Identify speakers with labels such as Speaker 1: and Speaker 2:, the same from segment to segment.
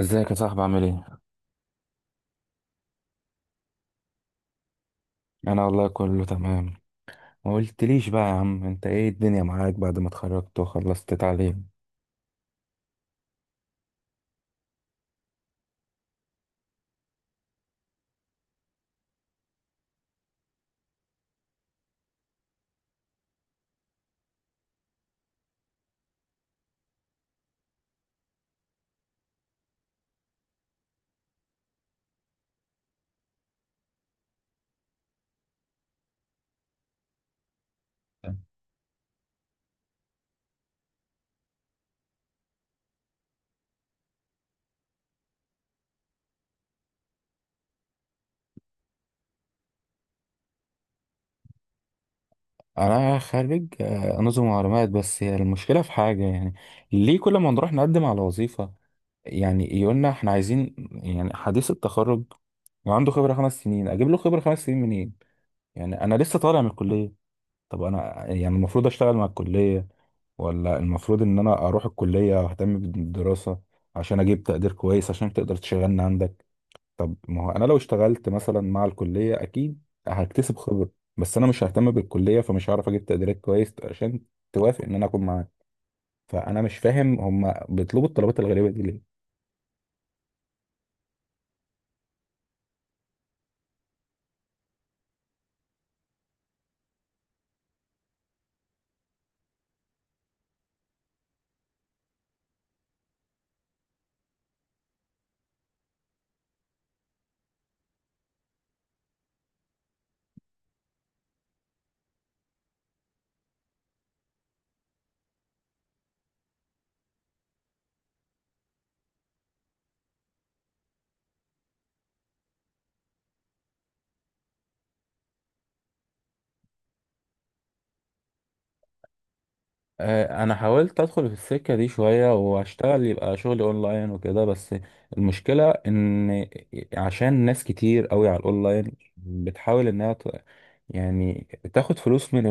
Speaker 1: ازيك يا صاحبي؟ عامل ايه؟ انا والله كله تمام. ما قلتليش بقى يا عم، انت ايه الدنيا معاك بعد ما اتخرجت وخلصت تعليم؟ انا خارج نظم معلومات. بس هي المشكله في حاجه، يعني ليه كل ما نروح نقدم على وظيفه؟ يعني يقولنا احنا عايزين يعني حديث التخرج وعنده خبره 5 سنين. اجيب له خبره 5 سنين منين؟ يعني انا لسه طالع من الكليه. طب انا يعني المفروض اشتغل مع الكلية، ولا المفروض ان انا اروح الكلية واهتم بالدراسة عشان اجيب تقدير كويس عشان تقدر تشغلني عندك؟ طب ما هو انا لو اشتغلت مثلا مع الكلية، اكيد هكتسب خبرة، بس انا مش ههتم بالكلية فمش هعرف اجيب تقديرات كويس عشان توافق ان انا اكون معاك. فانا مش فاهم هم بيطلبوا الطلبات الغريبة دي ليه. انا حاولت ادخل في السكه دي شويه واشتغل، يبقى شغل اونلاين وكده، بس المشكله ان عشان ناس كتير قوي على الاونلاين بتحاول انها يعني تاخد فلوس من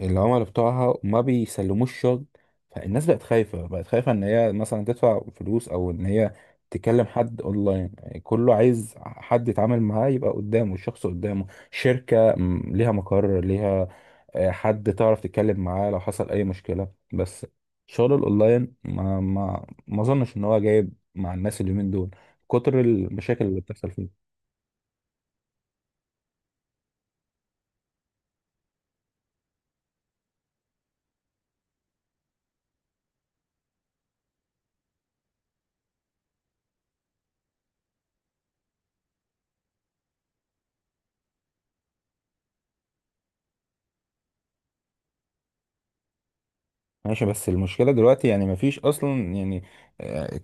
Speaker 1: العملاء بتوعها، ما بيسلموش شغل. فالناس بقت خايفة، بقت خايفة ان هي مثلا تدفع فلوس، او ان هي تكلم حد اونلاين. يعني كله عايز حد يتعامل معاه، يبقى قدامه الشخص، قدامه شركة ليها مقر، ليها حد تعرف تتكلم معاه لو حصل اي مشكلة. بس شغل الاونلاين ما اظنش ان هو جايب مع الناس اليومين دول، كتر المشاكل اللي بتحصل فيه. ماشي، بس المشكلة دلوقتي يعني مفيش أصلا يعني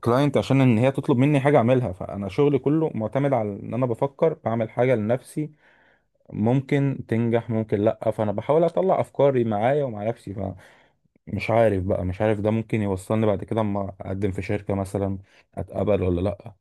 Speaker 1: كلاينت عشان إن هي تطلب مني حاجة أعملها، فأنا شغلي كله معتمد على إن أنا بفكر بعمل حاجة لنفسي. ممكن تنجح، ممكن لأ، فأنا بحاول أطلع أفكاري معايا ومع نفسي. فمش عارف بقى، مش عارف ده ممكن يوصلني بعد كده أما أقدم في شركة مثلا أتقبل ولا لأ.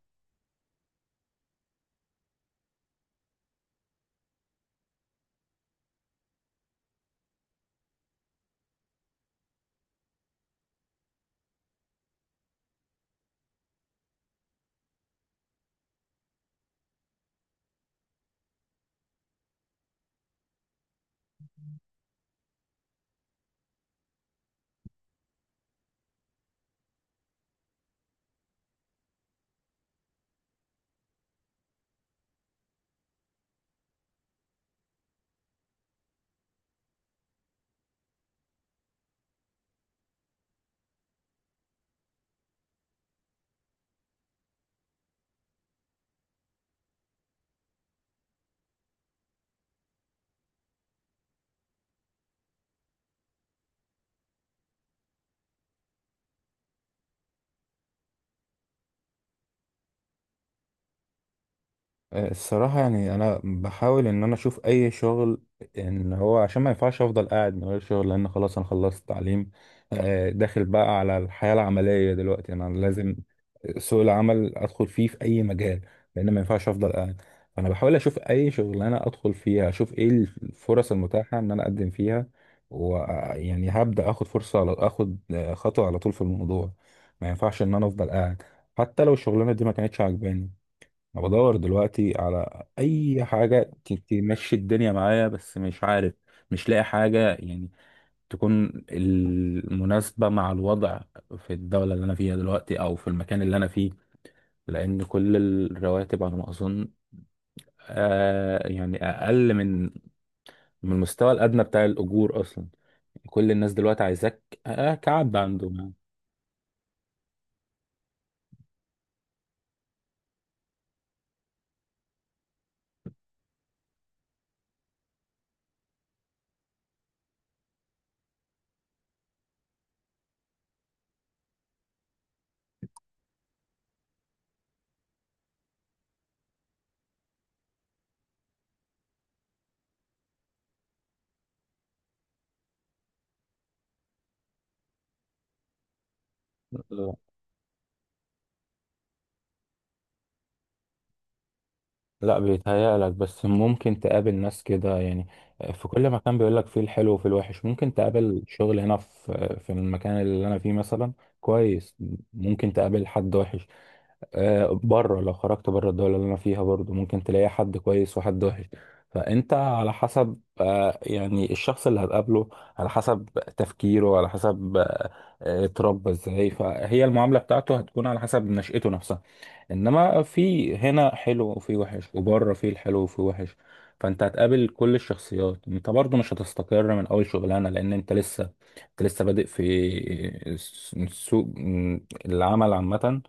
Speaker 1: الصراحة يعني أنا بحاول إن أنا أشوف أي شغل، إن هو عشان ما ينفعش أفضل قاعد من غير شغل، لأن خلاص أنا خلصت تعليم. داخل بقى على الحياة العملية دلوقتي، أنا لازم سوق العمل أدخل فيه في أي مجال، لأن ما ينفعش أفضل قاعد. فأنا بحاول أشوف أي شغل أنا أدخل فيها، أشوف إيه الفرص المتاحة إن أنا أقدم فيها، ويعني هبدأ آخد فرصة، على آخد خطوة على طول في الموضوع. ما ينفعش إن أنا أفضل قاعد حتى لو الشغلانة دي ما كانتش عاجباني. انا بدور دلوقتي على اي حاجه تمشي الدنيا معايا، بس مش عارف، مش لاقي حاجه يعني تكون المناسبه مع الوضع في الدوله اللي انا فيها دلوقتي، او في المكان اللي انا فيه، لان كل الرواتب على ما اظن يعني اقل من المستوى الادنى بتاع الاجور اصلا. كل الناس دلوقتي عايزاك كعب عنده. لا، بيتهيألك، بس ممكن تقابل ناس كده يعني. في كل مكان، بيقولك فيه الحلو وفيه الوحش. ممكن تقابل شغل هنا في في المكان اللي أنا فيه مثلا كويس، ممكن تقابل حد وحش. بره لو خرجت بره الدولة اللي أنا فيها، برضو ممكن تلاقي حد كويس وحد وحش. فأنت على حسب يعني الشخص اللي هتقابله، على حسب تفكيره، على حسب اتربى ازاي، فهي المعاملة بتاعته هتكون على حسب نشأته نفسها. انما في هنا حلو وفي وحش، وبره في الحلو وفي وحش. فانت هتقابل كل الشخصيات. انت برضو مش هتستقر من اول شغلانه، لان انت لسه، انت لسه بادئ في سوق العمل عامه.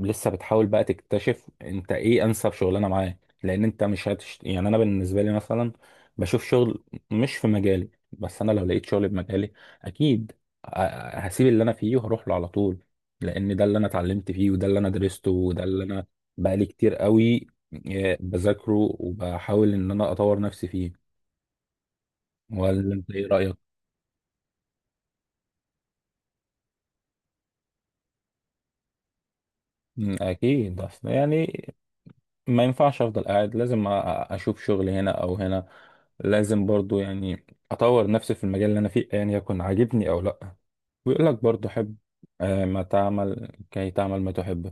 Speaker 1: لسه بتحاول بقى تكتشف انت ايه انسب شغلانه معاه. لان انت مش يعني انا بالنسبه لي مثلا، بشوف شغل مش في مجالي، بس انا لو لقيت شغل بمجالي اكيد ه- هسيب اللي انا فيه وهروح له على طول، لان ده اللي انا اتعلمت فيه، وده اللي انا درسته، وده اللي انا بقالي كتير قوي بذاكره وبحاول ان انا اطور نفسي فيه. ولا انت ايه رايك؟ اكيد، اصل يعني ما ينفعش افضل قاعد، لازم اشوف شغل هنا او هنا. لازم برضو يعني اطور نفسي في المجال اللي انا فيه، يعني يكون عاجبني او لا. ويقول لك برضو حب ما تعمل كي تعمل ما تحب.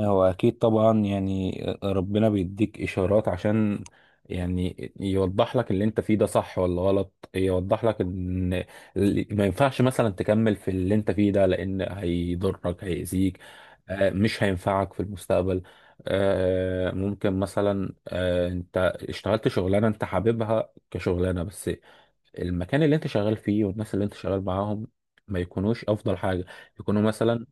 Speaker 1: هو أكيد طبعا يعني ربنا بيديك إشارات عشان يعني يوضح لك اللي أنت فيه ده صح ولا غلط، يوضح لك إن ما ينفعش مثلا تكمل في اللي أنت فيه ده، لأن هيضرك، هيأذيك، مش هينفعك في المستقبل. ممكن مثلا أنت اشتغلت شغلانة أنت حاببها كشغلانة، بس المكان اللي أنت شغال فيه، والناس اللي أنت شغال معاهم، ما يكونوش أفضل حاجة، يكونوا مثلا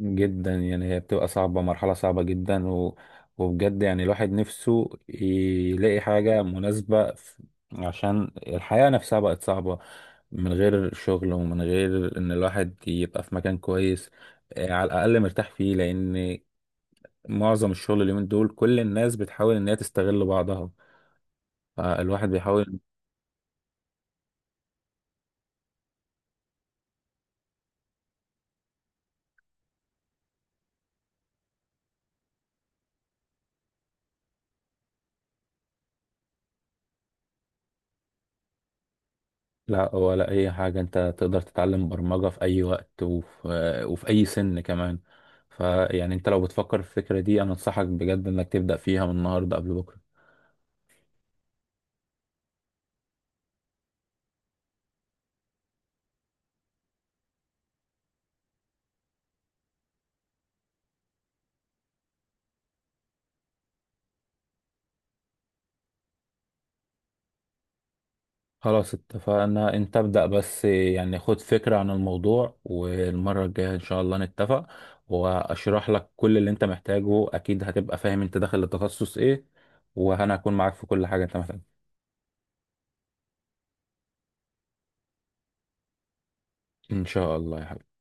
Speaker 1: جدا يعني. هي بتبقى صعبة، مرحلة صعبة جدا وبجد يعني الواحد نفسه يلاقي حاجة مناسبة، عشان الحياة نفسها بقت صعبة. من غير شغل ومن غير ان الواحد يبقى في مكان كويس، على الأقل مرتاح فيه، لأن معظم الشغل اليومين دول كل الناس بتحاول ان هي تستغل بعضها، فالواحد بيحاول. لا، ولا أي حاجة. أنت تقدر تتعلم برمجة في أي وقت، وفي أي سن كمان. فيعني أنت لو بتفكر في الفكرة دي، أنا أنصحك بجد إنك تبدأ فيها من النهاردة قبل بكرة. خلاص، اتفقنا. أنت ابدأ بس يعني خد فكرة عن الموضوع، والمرة الجاية إن شاء الله نتفق، وأشرح لك كل اللي أنت محتاجه، أكيد هتبقى فاهم أنت داخل التخصص إيه، وأنا هكون معاك في كل حاجة أنت محتاجها. إن شاء الله يا حبيبي.